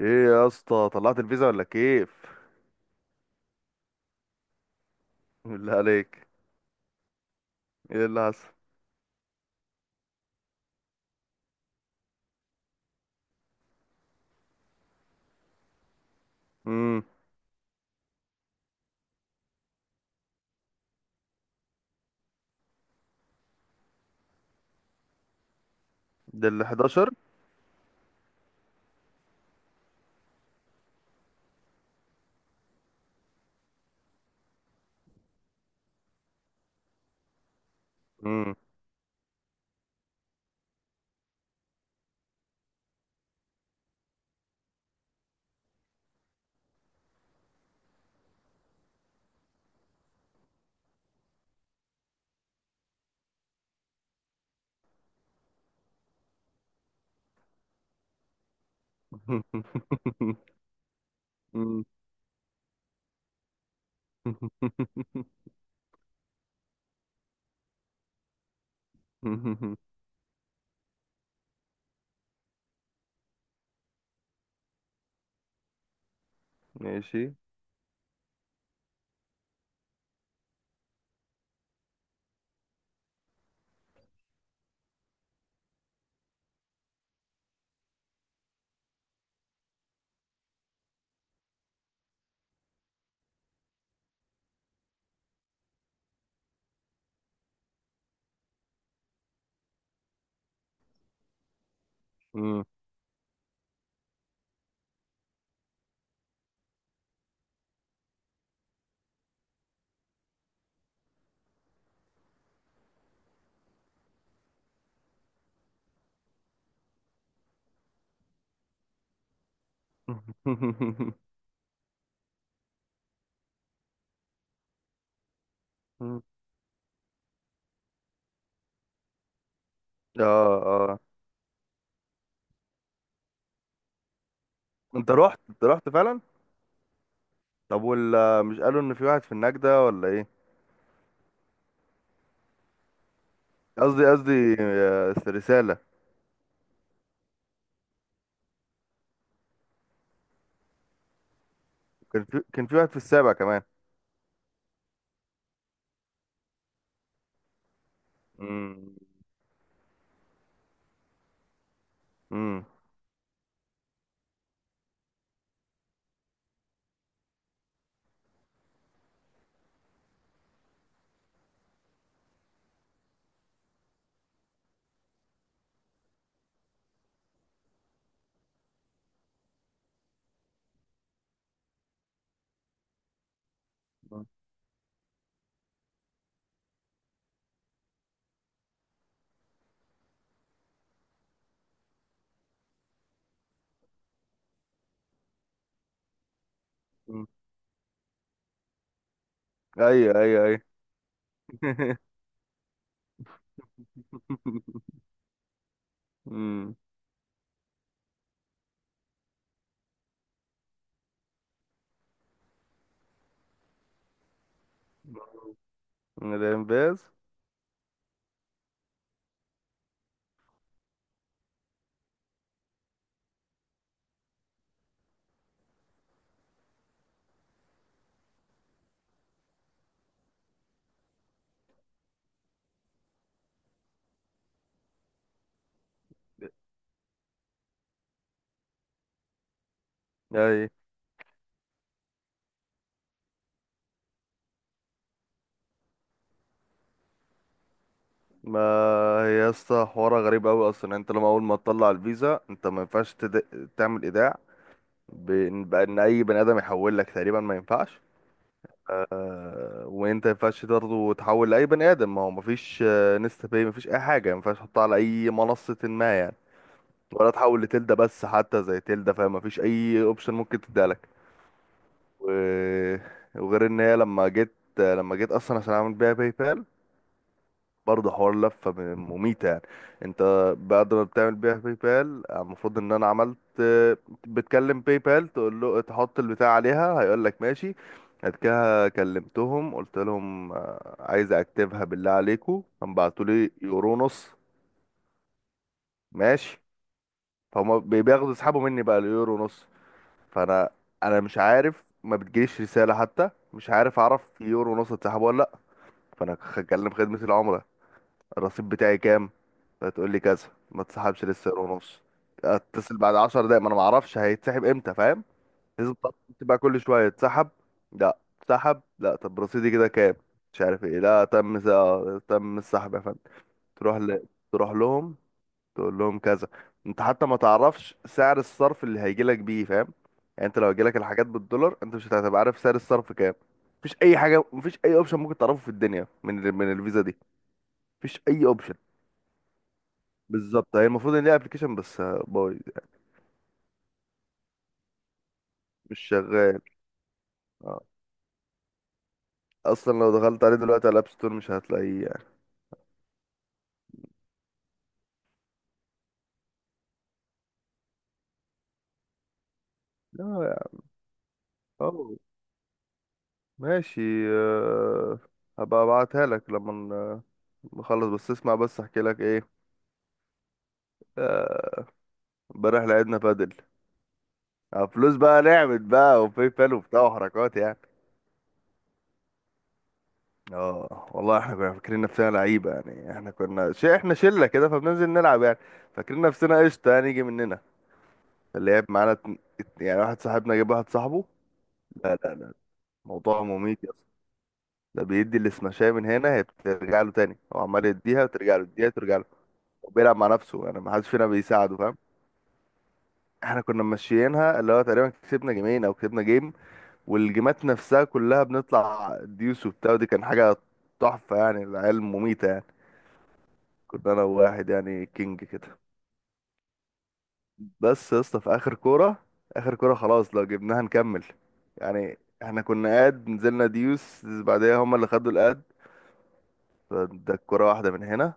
ايه يا اسطى طلعت الفيزا ولا كيف؟ بالله عليك. ايه اللي حصل؟ امم. ده ال 11. امم. أمم. ماشي. امم. اه اه. انت رحت فعلا. طب ولا مش قالوا ان في واحد في النجدة ولا ايه؟ قصدي. رسالة. كان في واحد في السابع كمان. امم. امم. ايوه ايوه ايوه. مم. من الانباز. اي. ما هي يا اسطى حوارها غريب قوي اصلا، يعني انت لما اول ما تطلع الفيزا انت ما ينفعش تعمل ايداع. بأن اي بني ادم يحول لك تقريبا ما ينفعش. وانت ما ينفعش برضه تحول لاي بني ادم، ما هو ما فيش نستا باي، ما فيش اي حاجه، ما ينفعش تحطها على اي منصه ما، يعني ولا تحول لتلدا. بس حتى زي تلدا فاهم، ما فيش اي اوبشن ممكن تديها لك. و... وغير ان هي لما جيت، اصلا عشان اعمل بيها باي بال، برضه حوار لفة مميتة يعني. انت بعد ما بتعمل بيها باي بال المفروض ان انا عملت. بتكلم باي بال تقول له تحط البتاع عليها هيقول لك ماشي. بعد كده كلمتهم قلت لهم عايز اكتبها، بالله عليكم بعتوا لي يورو نص. ماشي. فهم بياخدوا يسحبوا مني بقى اليورو نص. فانا، انا مش عارف، ما بتجيليش رسالة حتى، مش عارف اعرف يورو نص اتسحبوا ولا لا. فانا هكلم خدمة العملاء، الرصيد بتاعي كام؟ فتقول لي كذا، ما تسحبش لسه سعر ونص، اتصل بعد 10 دقايق، ما انا ما اعرفش هيتسحب امتى فاهم. لازم تقعد، تبقى كل شويه تسحب، لا، تسحب لا، طب رصيدي كده كام؟ مش عارف ايه، لا تم تم السحب يا فندم. تروح ل... تروح لهم، تقول لهم كذا. انت حتى ما تعرفش سعر الصرف اللي هيجي لك بيه فاهم، يعني انت لو هيجي لك الحاجات بالدولار انت مش هتبقى عارف سعر الصرف كام. مفيش اي حاجه، مفيش اي اوبشن ممكن تعرفه في الدنيا من الفيزا دي. مفيش اي اوبشن بالظبط. هي المفروض ان ليها ابلكيشن بس بايظ. مش شغال. آه. اصلا لو دخلت عليه دلوقتي على الاب ستور مش هتلاقيه يعني. لا يعني. اه. ماشي. آه، هبقى ابعتها لك لما نخلص. بس اسمع بس احكي لك ايه. آه، امبارح لعبنا بادل على فلوس بقى، نعمت بقى وفي بال وبتاع وحركات يعني. اه والله احنا كنا فاكرين نفسنا لعيبه يعني. احنا شله كده فبننزل نلعب يعني. فاكرين نفسنا قشطه يعني يجي مننا. اللي لعب معانا يعني واحد صاحبنا جاب واحد صاحبه. لا لا لا. موضوع مميت يا اسطى. ده بيدي السماشية من هنا، هي بترجع له تاني، هو عمال يديها وترجع له، يديها وترجع له، وبيلعب مع نفسه يعني، ما حدش فينا بيساعده فاهم. احنا كنا ماشيينها اللي هو تقريبا كسبنا جيمين او كسبنا جيم، والجيمات نفسها كلها بنطلع ديوس وبتاع، ودي كان حاجة تحفة يعني، العيال مميتة يعني. كنا انا وواحد يعني كينج كده. بس يا اسطى في اخر كورة، اخر كورة خلاص لو جبناها نكمل، يعني احنا كنا قاد، نزلنا ديوس بعدها هما اللي خدوا القاد، فاداك كرة واحدة من هنا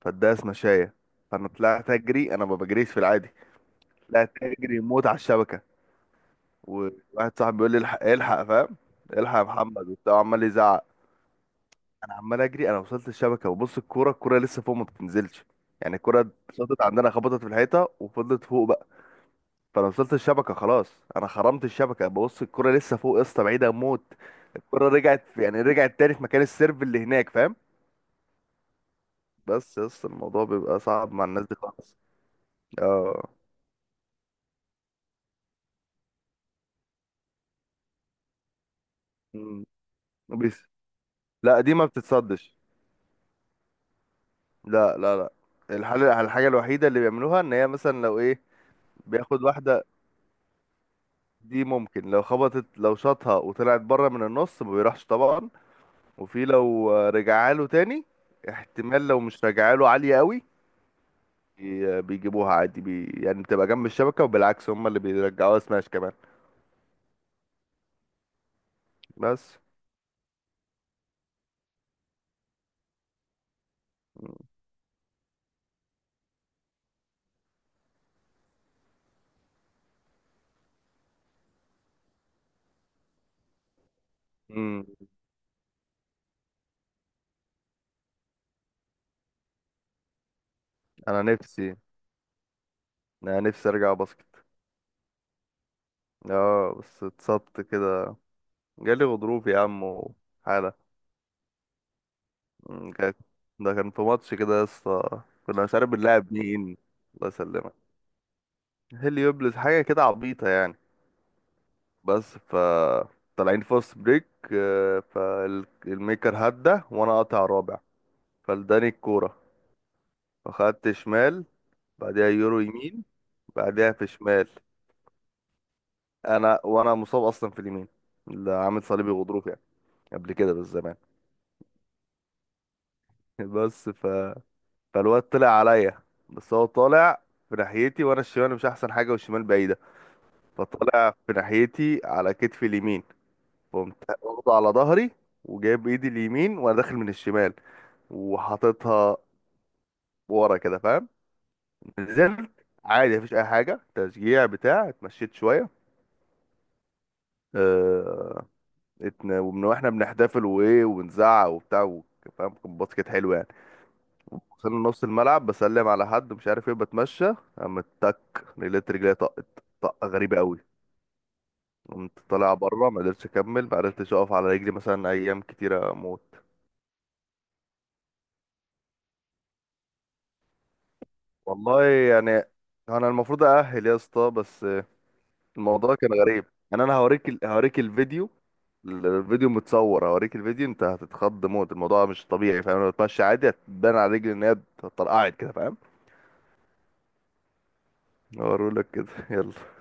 فاداها سمشاية. فانا طلعت اجري، انا ما بجريش في العادي، طلعت اجري موت على الشبكة، وواحد صاحبي بيقول لي الحق الحق فاهم، الحق يا محمد وبتاع، عمال يزعق. انا عمال اجري، انا وصلت الشبكة وبص، الكورة الكورة لسه فوق ما بتنزلش يعني. الكورة اتشاطت عندنا خبطت في الحيطة وفضلت فوق بقى. فانا وصلت الشبكة خلاص، انا خرمت الشبكة ببص الكورة لسه فوق يا اسطى، بعيدة موت. الكرة رجعت يعني رجعت تاني في مكان السيرف اللي هناك فاهم. بس يس الموضوع بيبقى صعب مع الناس دي خالص. اه. مم. بس. لا دي ما بتتصدش. لا لا لا. الحل، الحاجة الوحيدة اللي بيعملوها، ان هي مثلا لو ايه بياخد واحدة، دي ممكن لو خبطت، لو شاطها وطلعت بره من النص ما بيروحش طبعا، وفي لو رجعها له تاني احتمال لو مش رجعها له عالية قوي. بيجيبوها عادي بي يعني، بتبقى جنب الشبكة، وبالعكس هم اللي بيرجعوها سماش كمان. بس. مم. انا نفسي، انا نفسي ارجع باسكت. اه بس اتصبت كده، جالي غضروف يا عم وحالة. مم، كانت- ده كان في ماتش كده يا اسطى، كنا مش عارف بنلعب مين. الله يسلمك. هيليوبلس حاجة كده عبيطة يعني. بس ف طالعين فاست بريك، فالميكر هدى وانا قاطع رابع، فلداني الكورة، فخدت شمال، بعدها يورو يمين، بعدها في شمال. انا مصاب اصلا في اليمين، اللي عامل صليبي غضروف يعني، قبل كده بالزمان. بس، فالواد طلع عليا، بس هو طالع في ناحيتي وانا الشمال مش احسن حاجه، والشمال بعيده، فطالع في ناحيتي على كتفي اليمين. فقمت واخده على ظهري وجايب ايدي اليمين وانا داخل من الشمال وحاططها ورا كده فاهم. نزلت عادي مفيش اي حاجه، تشجيع بتاع، اتمشيت شويه. اه. ومن واحنا بنحتفل وايه ونزعق وبتاع، فاهم كان باسكت حلو يعني. وصلنا نص الملعب بسلم على حد مش عارف ايه بتمشى، قامت تك لقيت رجلي طقت، طقة غريبة قوي. قمت طالع بره ما قدرتش اكمل، ما قدرتش اقف على رجلي مثلا ايام كتيرة اموت. والله يعني انا المفروض اأهل يا اسطى بس الموضوع كان غريب. يعني انا هوريك الفيديو، الفيديو متصور، هوريك الفيديو انت هتتخض موت، الموضوع مش طبيعي فاهم، لو بتمشي عادي هتبان على رجلي ان هي اتطرقعت كده فاهم. هوريلك كده يلا.